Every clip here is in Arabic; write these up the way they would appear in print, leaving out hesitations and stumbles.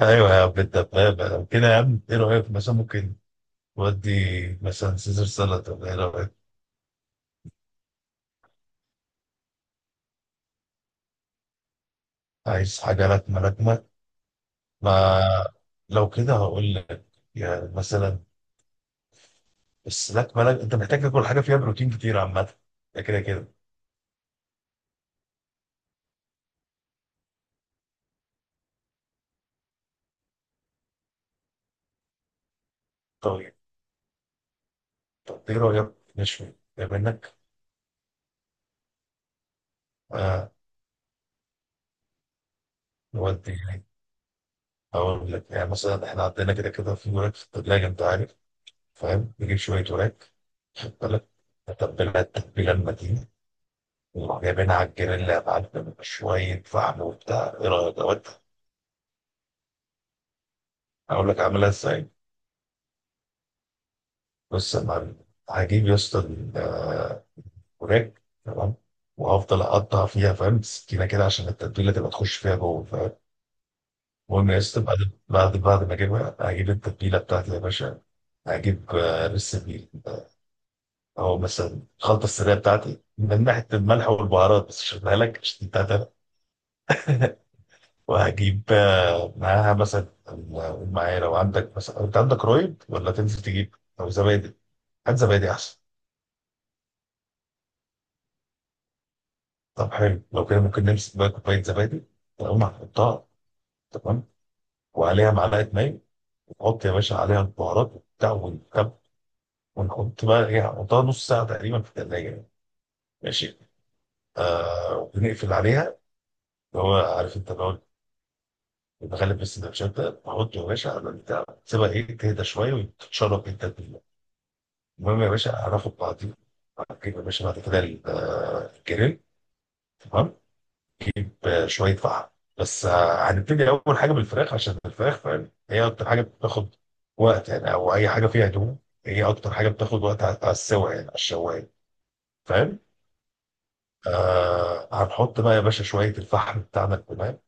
ايوه يا عم، انت فاهم كده يا عم. ايه رايك مثلا ممكن تودي مثلا سيزر سالاد، ولا ايه رايك؟ عايز حاجه لكمه لكمه. ما لو كده هقول لك يعني مثلا. بس لكمه لك، انت محتاج تاكل حاجه فيها بروتين كتير عامه. ده كده كده. طيب، طب ايه رايك نشوي إيه منك؟ آه. نودي يعني. هقول لك يعني مثلا، احنا عندنا كده كده في وراك في الثلاجه انت عارف. فاهم؟ نجيب شويه وراك. خد بالك. نتبلها التتبيله المتينه، وروح جايبينها على الجريل يا معلم، شوية فحم وبتاع. إيه رأيك، أقول لك أعملها إزاي؟ بص يا معلم. هجيب يا اسطى الوراك. تمام. وهفضل أقطع فيها فاهم، سكينة كده عشان التتبيلة تبقى تخش فيها جوه. فاهم؟ المهم يا اسطى، بعد ما أجيبها، هجيب التتبيلة بتاعتي يا باشا. هجيب لسه بيه. أو مثلا الخلطة السرية بتاعتي من ناحية الملح والبهارات، بس مش هديها لك عشان أنت هتعرف. وهجيب معاها مثلا. أقول معايا، لو عندك مثلا، انت عندك رايب ولا تنزل تجيب او زبادي؟ هات زبادي احسن. طب حلو. لو كده ممكن نمسك بقى كوبايه زبادي، تقوم هنحطها. تمام. وعليها معلقه ماء. ونحط يا باشا عليها البهارات وبتاع والتب. ونحط بقى ايه، نحطها نص ساعه تقريبا في الثلاجه يعني. ماشي. آه، ونقفل عليها، اللي هو عارف انت، اللي هو، بنغلب السندوتشات، ده نحطه يا باشا على البتاع. تسيبها ايه، تهدى شويه وتتشرب انت. المهم يا باشا، هناخد بعضينا. هتجيب يا باشا بعد كده الجريل. تمام. بشويه فحم. بس هنبتدي اول حاجه بالفراخ، عشان الفراخ فاهم هي اكتر حاجه بتاخد وقت يعني. او اي حاجه فيها دهون هي اكتر حاجه بتاخد وقت على السوا يعني، على الشوايه. فاهم؟ آه، هنحط بقى يا باشا شويه الفحم بتاعنا الكمان.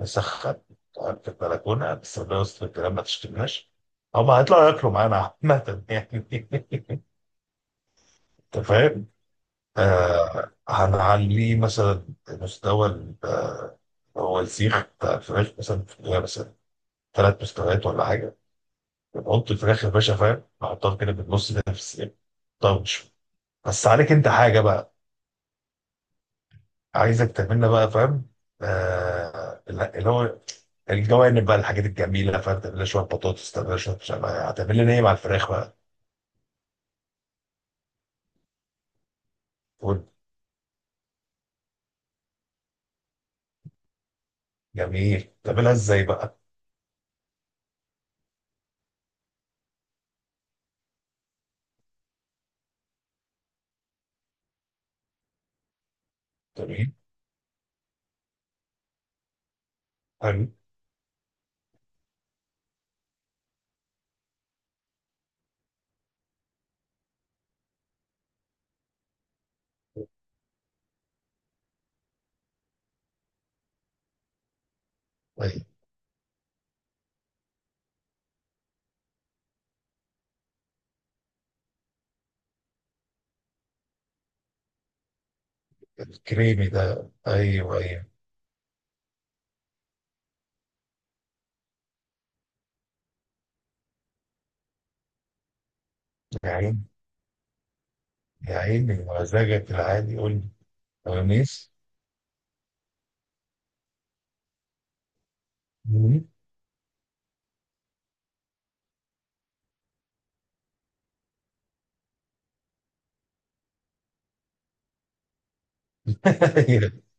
نسخن. تمام، في البلكونه بس، ربنا يستر الكلام ما تشتمناش. هما هيطلعوا ياكلوا معانا عامة يعني. انت فاهم؟ آه، هنعليه مثلا مستوى. هو السيخ بتاع الفراخ مثلا في جواها مثلا ثلاث مستويات ولا حاجه. بنحط الفراخ يا باشا فاهم، بحطها كده بالنص كده في السيخ طرش. بس عليك انت حاجه بقى. عايزك تعملنا بقى فاهم. آه لا، اللي هو الجوانب بقى، الحاجات الجميله فاهم. تعمل لها شويه بطاطس، تعمل لها شويه مش عارف إيه. هتعمل لنا ايه مع الفراخ بقى؟ قول. جميل. تعملها ازاي بقى؟ جميل. حلو. طيب. الكريمي ده، ايوه ايوه. يا عيني يا عيني، مزاجك العادي قول لي. مايونيز.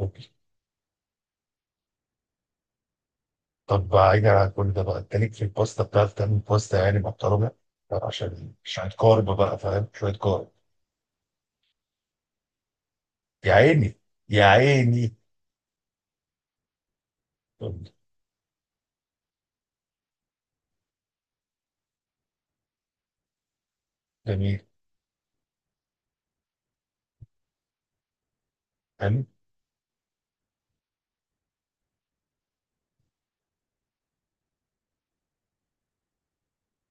أوكي. طب بعيدا عن كل ده بقى، انت ليك في الباستا؟ بتعرف تعمل باستا يعني محترمه؟ طب عشان شويه كارب بقى فاهم، شويه كارب. يا عيني يا عيني. طب. جميل. حلو.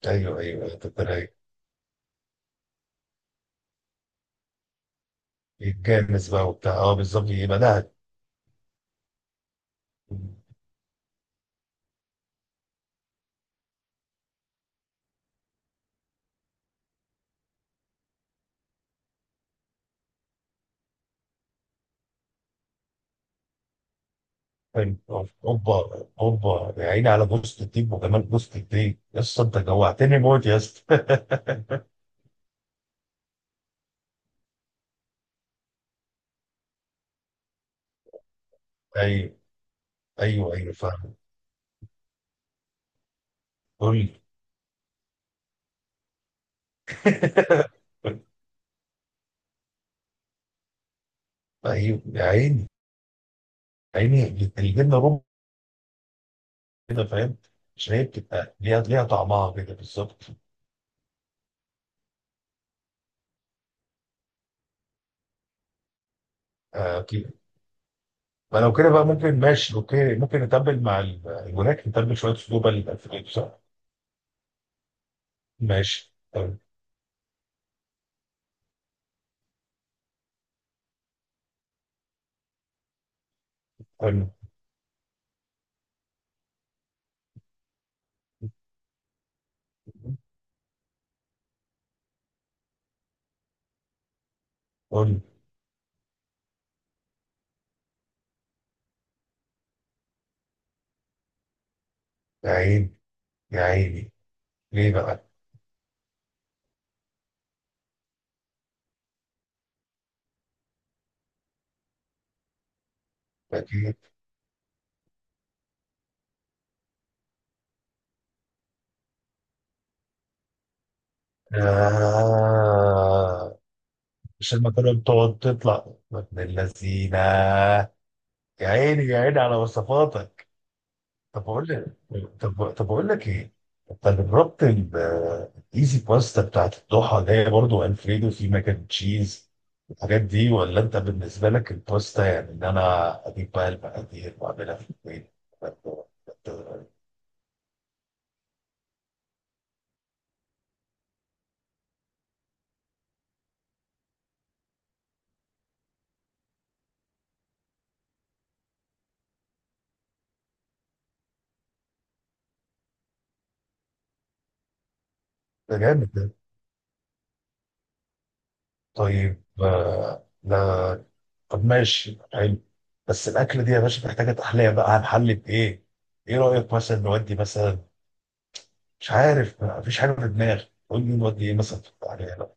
ايوه ايوه أيوة، طب ده رايق. يتجمس بقى وبتاع، اه، بالظبط يبقى ده. حلو. اوبا اوبا، يا عيني على بوست الديب وجمال بوست الديب يا اسطى. انت جوعتني موت يا اسطى. ايوه ايوه ايوه فاهم. قول لي. ايوه يا عيني، عيني الجبنه رومي كده فاهم، عشان هي بتبقى ليها طعمها كده بالظبط. آه كده. فلو كده بقى ممكن، ماشي، اوكي، ممكن نتبل مع الوراك نتبل شويه صدور بقى للألفريدو، صح؟ ماشي. حلو. حلو. قول لي. يا عيني يا عيني، ليه بقى؟ أكيد. آه. مش المكرونة بتقعد تطلع من اللذينة؟ يا عيني يا عيني على وصفاتك. طب اقول لك. طب اقول لك ايه، انت جربت الايزي باستا بتاعت الضحى اللي هي برضه الفريدو في ماك اند تشيز، الحاجات دي؟ ولا انت بالنسبه لك الباستا يعني ان انا اجيب بقى المقادير واعملها في البيت؟ ده جامد ده. طيب آه، لا. طب ماشي حلو. بس الاكله دي يا باشا محتاجه تحليه بقى، هنحل بايه؟ ايه رايك مثلا نودي مثلا؟ مش عارف، مفيش حاجه في دماغي، قول لي نودي ايه مثلا في التحليه لا.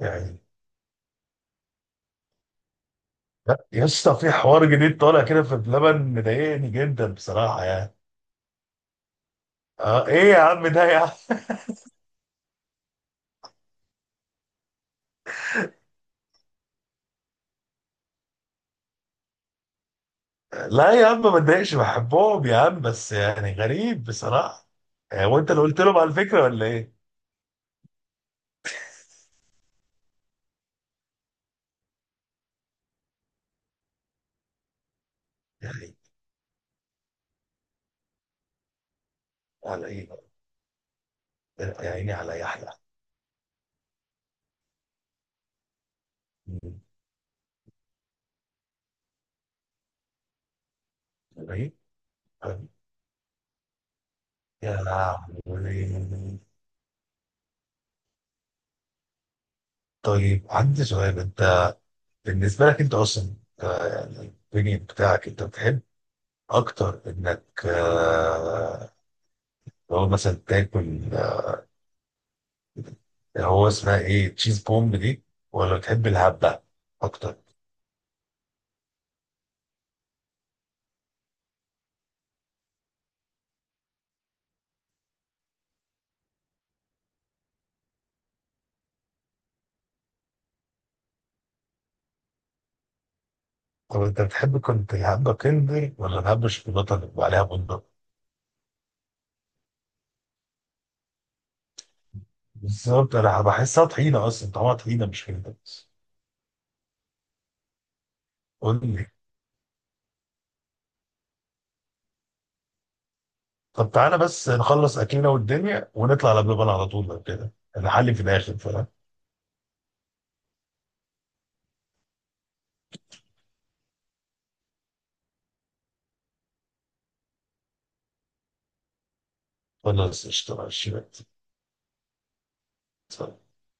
يعني. لا يا اسطى، في حوار جديد طالع كده في بلبن مضايقني جدا بصراحه يعني. اه، ايه يا عم ده يا عم؟ لا يا عم، ما اتضايقش، بحبهم يا عم، بس يعني غريب بصراحه. يعني هو انت اللي قلت لهم على الفكره ولا ايه؟ يعني، على ايه؟ يا عيني على يحيى. طيب. يا لهوي. طيب عندي سؤال. انت بالنسبه لك انت اصلا يعني البنين بتاعك، انت بتحب اكتر انك لو مثلا تاكل، هو اسمها ايه تشيز بومب دي، ولا بتحب الهبه اكتر؟ طب انت بتحب كنت الهبه كندر ولا الهبه الشوكولاته اللي بيبقى عليها بندق؟ بالظبط، انا بحسها طحينه اصلا، طعمها طحينه مش كندر. قول لي. طب تعالى بس نخلص اكلنا والدنيا ونطلع على بلبن على طول، لو كده نحلي في الاخر فاهم. خلاص، اشتغل الشباب.